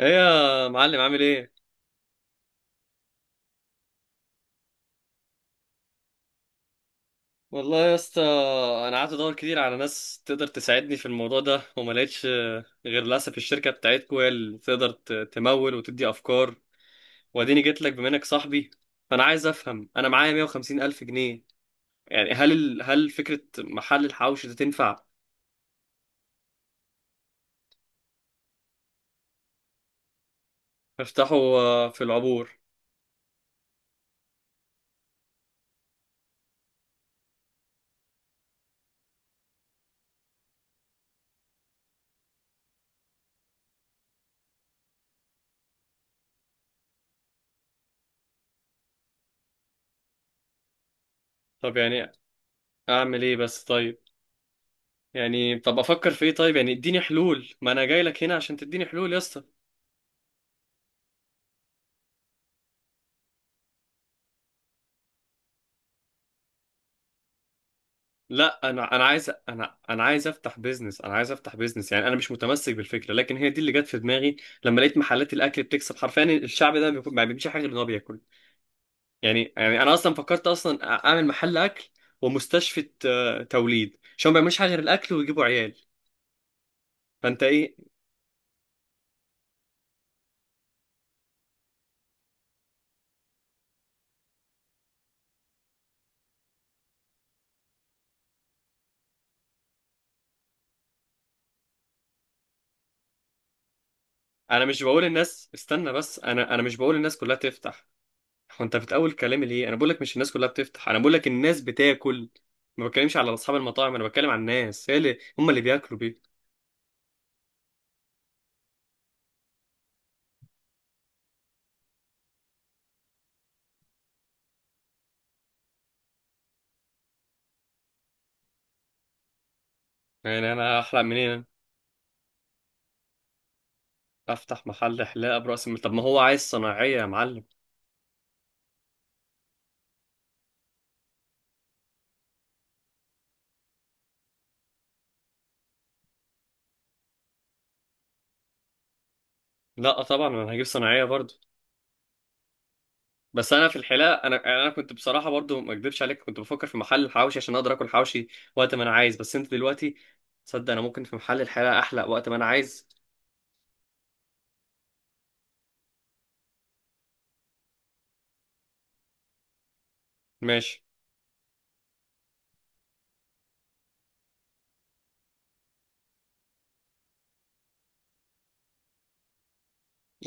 ايه يا معلم؟ عامل ايه؟ والله يا اسطى، انا قعدت ادور كتير على ناس تقدر تساعدني في الموضوع ده وما لقيتش، غير للاسف الشركه بتاعتكم هي اللي تقدر تمول وتدي افكار. واديني جيت لك بما انك صاحبي، فانا عايز افهم، انا معايا 150 الف جنيه. يعني هل هل فكره محل الحوش ده تنفع؟ افتحه في العبور. طب يعني اعمل ايه بس؟ طيب يعني طب افكر في ايه؟ طيب يعني اديني حلول، ما انا جاي لك هنا عشان تديني حلول يا اسطى. لا انا عايز افتح بيزنس، انا عايز افتح بيزنس. يعني انا مش متمسك بالفكره، لكن هي دي اللي جت في دماغي لما لقيت محلات الاكل بتكسب. حرفيا الشعب ده ما بيعملش حاجه غير ان هو بياكل. يعني انا اصلا فكرت اصلا اعمل محل اكل ومستشفى توليد، عشان ما بيعملوش حاجه غير الاكل ويجيبوا عيال. فانت ايه؟ انا مش بقول الناس استنى، بس انا مش بقول الناس كلها تفتح. هو انت بتقول كلامي ليه؟ انا بقول لك مش الناس كلها بتفتح، انا بقول لك الناس بتاكل. ما بتكلمش على اصحاب المطاعم، انا بتكلم على الناس هي اللي هم اللي بياكلوا. يعني انا احلق منين؟ افتح محل حلاقه براس المال؟ طب ما هو عايز صناعيه يا معلم. لا طبعا انا هجيب صناعيه برضو. بس انا في الحلاقه، انا يعني انا كنت بصراحه برضو ما اكدبش عليك كنت بفكر في محل الحواوشي عشان اقدر اكل حواوشي وقت ما انا عايز. بس انت دلوقتي تصدق انا ممكن في محل الحلاقه احلق وقت ما انا عايز. ماشي.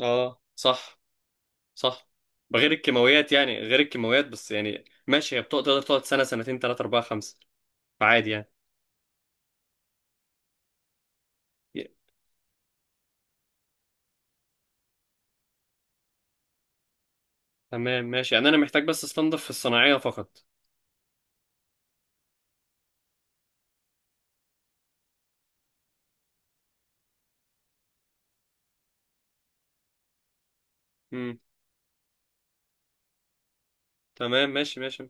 اه صح. صح. بغير الكيماويات، يعني غير الكيماويات بس يعني، ماشي، هي بتقعد تقدر تقعد سنه سنتين ثلاثه اربعه خمسه. فعادي يعني. ي- تمام ماشي. يعني انا محتاج بس استنضف في الصناعيه فقط. تمام. ماشي، ماشي.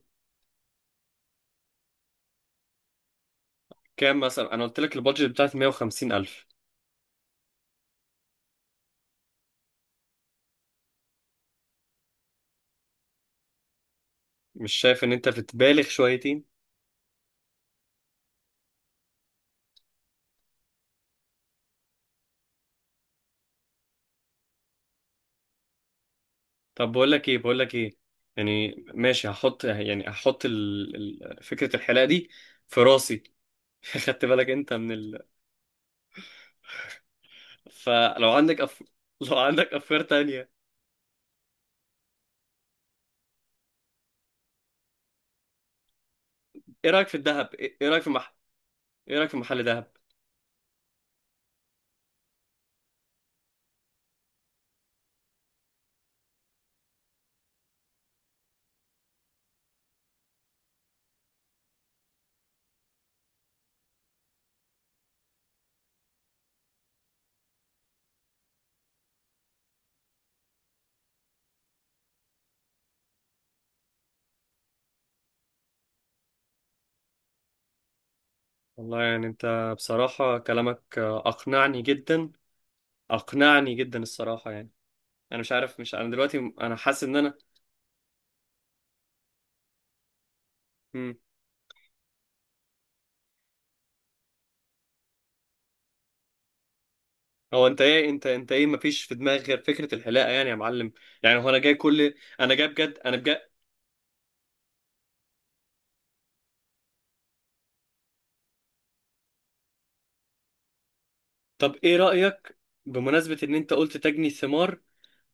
كام مثلا؟ انا قلت لك البادجت بتاعتي 150 الف. مش شايف ان انت بتبالغ شويتين؟ طب بقول لك ايه؟ يعني ماشي، هحط فكرة الحلاقة دي في راسي. خدت بالك انت من فلو عندك لو عندك افكار تانية. ايه رأيك في الذهب؟ ايه، إيه رأيك في ايه رأيك في محل ذهب؟ والله يعني انت بصراحة كلامك اقنعني جدا الصراحة يعني. انا مش عارف، مش انا دلوقتي انا حاسس ان انا. هو انت ايه؟ انت ايه، مفيش في دماغك غير فكره الحلاقه يعني يا معلم؟ يعني هو انا جاي كل. انا جاي بجد، انا بجد. طب ايه رايك، بمناسبه ان انت قلت تجني ثمار،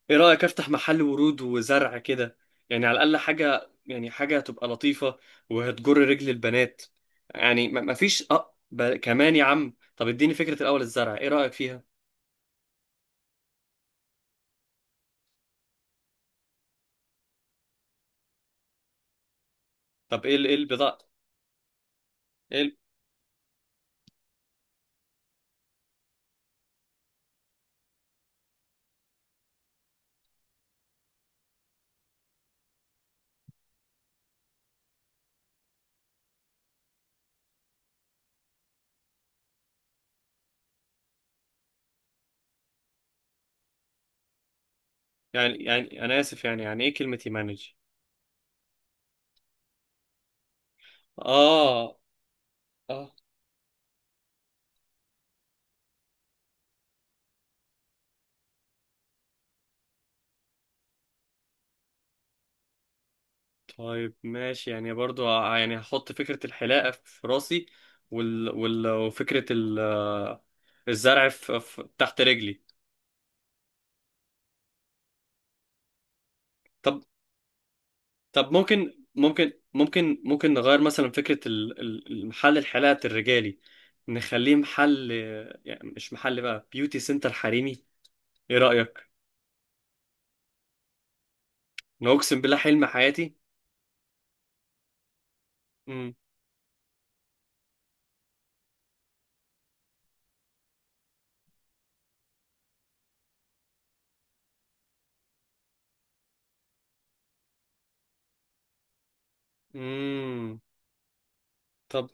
ايه رايك افتح محل ورود وزرع كده؟ يعني على الاقل حاجه، يعني حاجه هتبقى لطيفه وهتجر رجل البنات. يعني مفيش اه كمان يا عم، طب اديني فكره الاول الزرع، ايه رايك فيها؟ طب ايه ايه البضاعه؟ ايه يعني انا اسف، يعني ايه كلمه يمانج؟ اه. اه. طيب ماشي يعني برضو، يعني هحط فكرة الحلاقة في راسي وفكرة ال... آه، الزرع تحت رجلي. طب طب ممكن نغير مثلا فكرة المحل الحلاقة الرجالي، نخليه محل، يعني مش محل بقى، بيوتي سنتر حريمي. ايه رأيك؟ انا اقسم بالله حلم حياتي. امم امم طب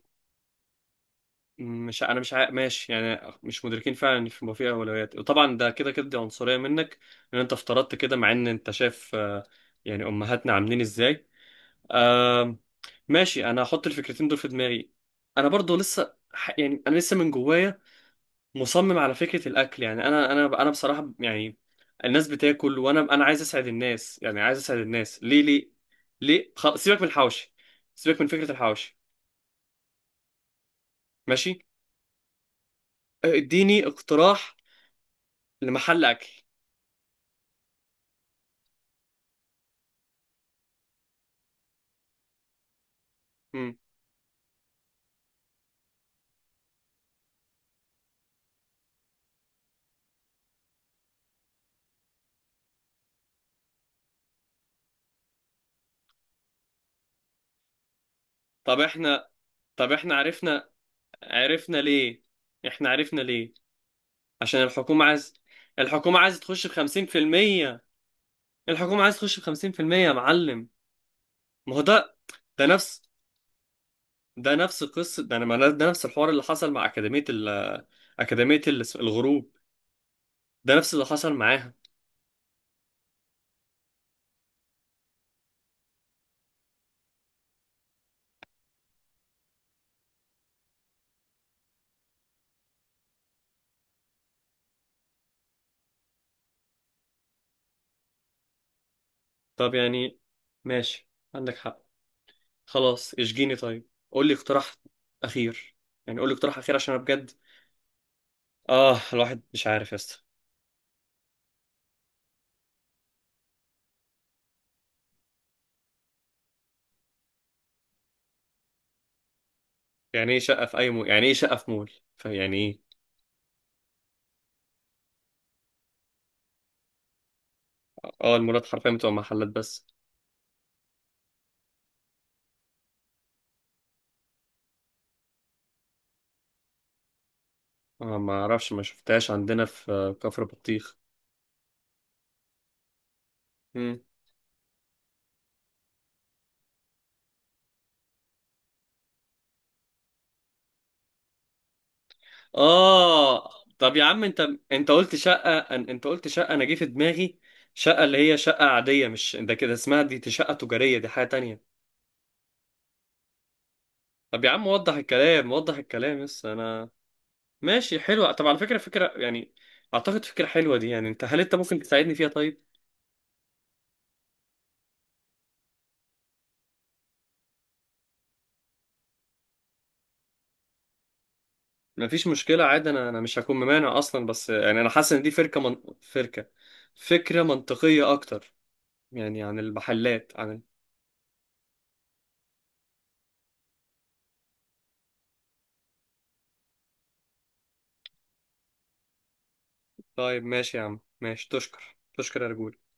مش انا مش ماشي يعني، مش مدركين فعلا ان في في اولويات. وطبعا ده كده كده دي عنصريه منك ان انت افترضت كده، مع ان انت شايف يعني امهاتنا عاملين ازاي. آم، ماشي انا هحط الفكرتين دول في دماغي. انا برضو لسه يعني انا لسه من جوايا مصمم على فكره الاكل. يعني انا بصراحه يعني الناس بتاكل، وانا عايز اسعد الناس، يعني عايز اسعد الناس. ليه؟ ليه؟ ليه؟ سيبك من الحوشي، سيبك من فكره الحوشي. ماشي. اديني اقتراح لمحل اكل. مم. طب احنا، طب احنا عرفنا، عرفنا ليه احنا عرفنا ليه. عشان الحكومة عايز، الحكومة عايز تخش بخمسين في المية. الحكومة عايز تخش بخمسين في المية يا معلم. ما هو ده، ده نفس، ده نفس قصة، ده ده نفس الحوار اللي حصل مع أكاديمية ال، أكاديمية الغروب، ده نفس اللي حصل معاها. طب يعني ماشي، عندك حق. خلاص اشجيني طيب، قول لي اقتراح أخير. يعني قول لي اقتراح أخير عشان أنا بجد، الواحد مش عارف يا اسطى. يعني ايه شقة في اي مول؟ يعني ايه شقة في مول؟ فيعني ايه؟ اه المولات حرفيا بتبقى محلات بس؟ ما اعرفش ما شفتهاش عندنا في كفر بطيخ. مم. اه طب يا عم انت، انت قلت شقة، انا جه في دماغي شقة اللي هي شقة عادية، مش ده كده اسمها. دي دي شقة تجارية، دي حاجة تانية. طب يا عم وضح الكلام، وضح الكلام بس انا. ماشي، حلوة. طب على فكرة فكرة يعني، اعتقد فكرة حلوة دي. يعني انت هل انت ممكن تساعدني فيها طيب؟ مفيش مشكلة عادي، أنا مش هكون ممانع أصلا. بس يعني أنا حاسس إن دي فركة، فكرة منطقية أكتر، يعني عن المحلات عن طيب ماشي يا عم، ماشي. تشكر تشكر يا رجولة.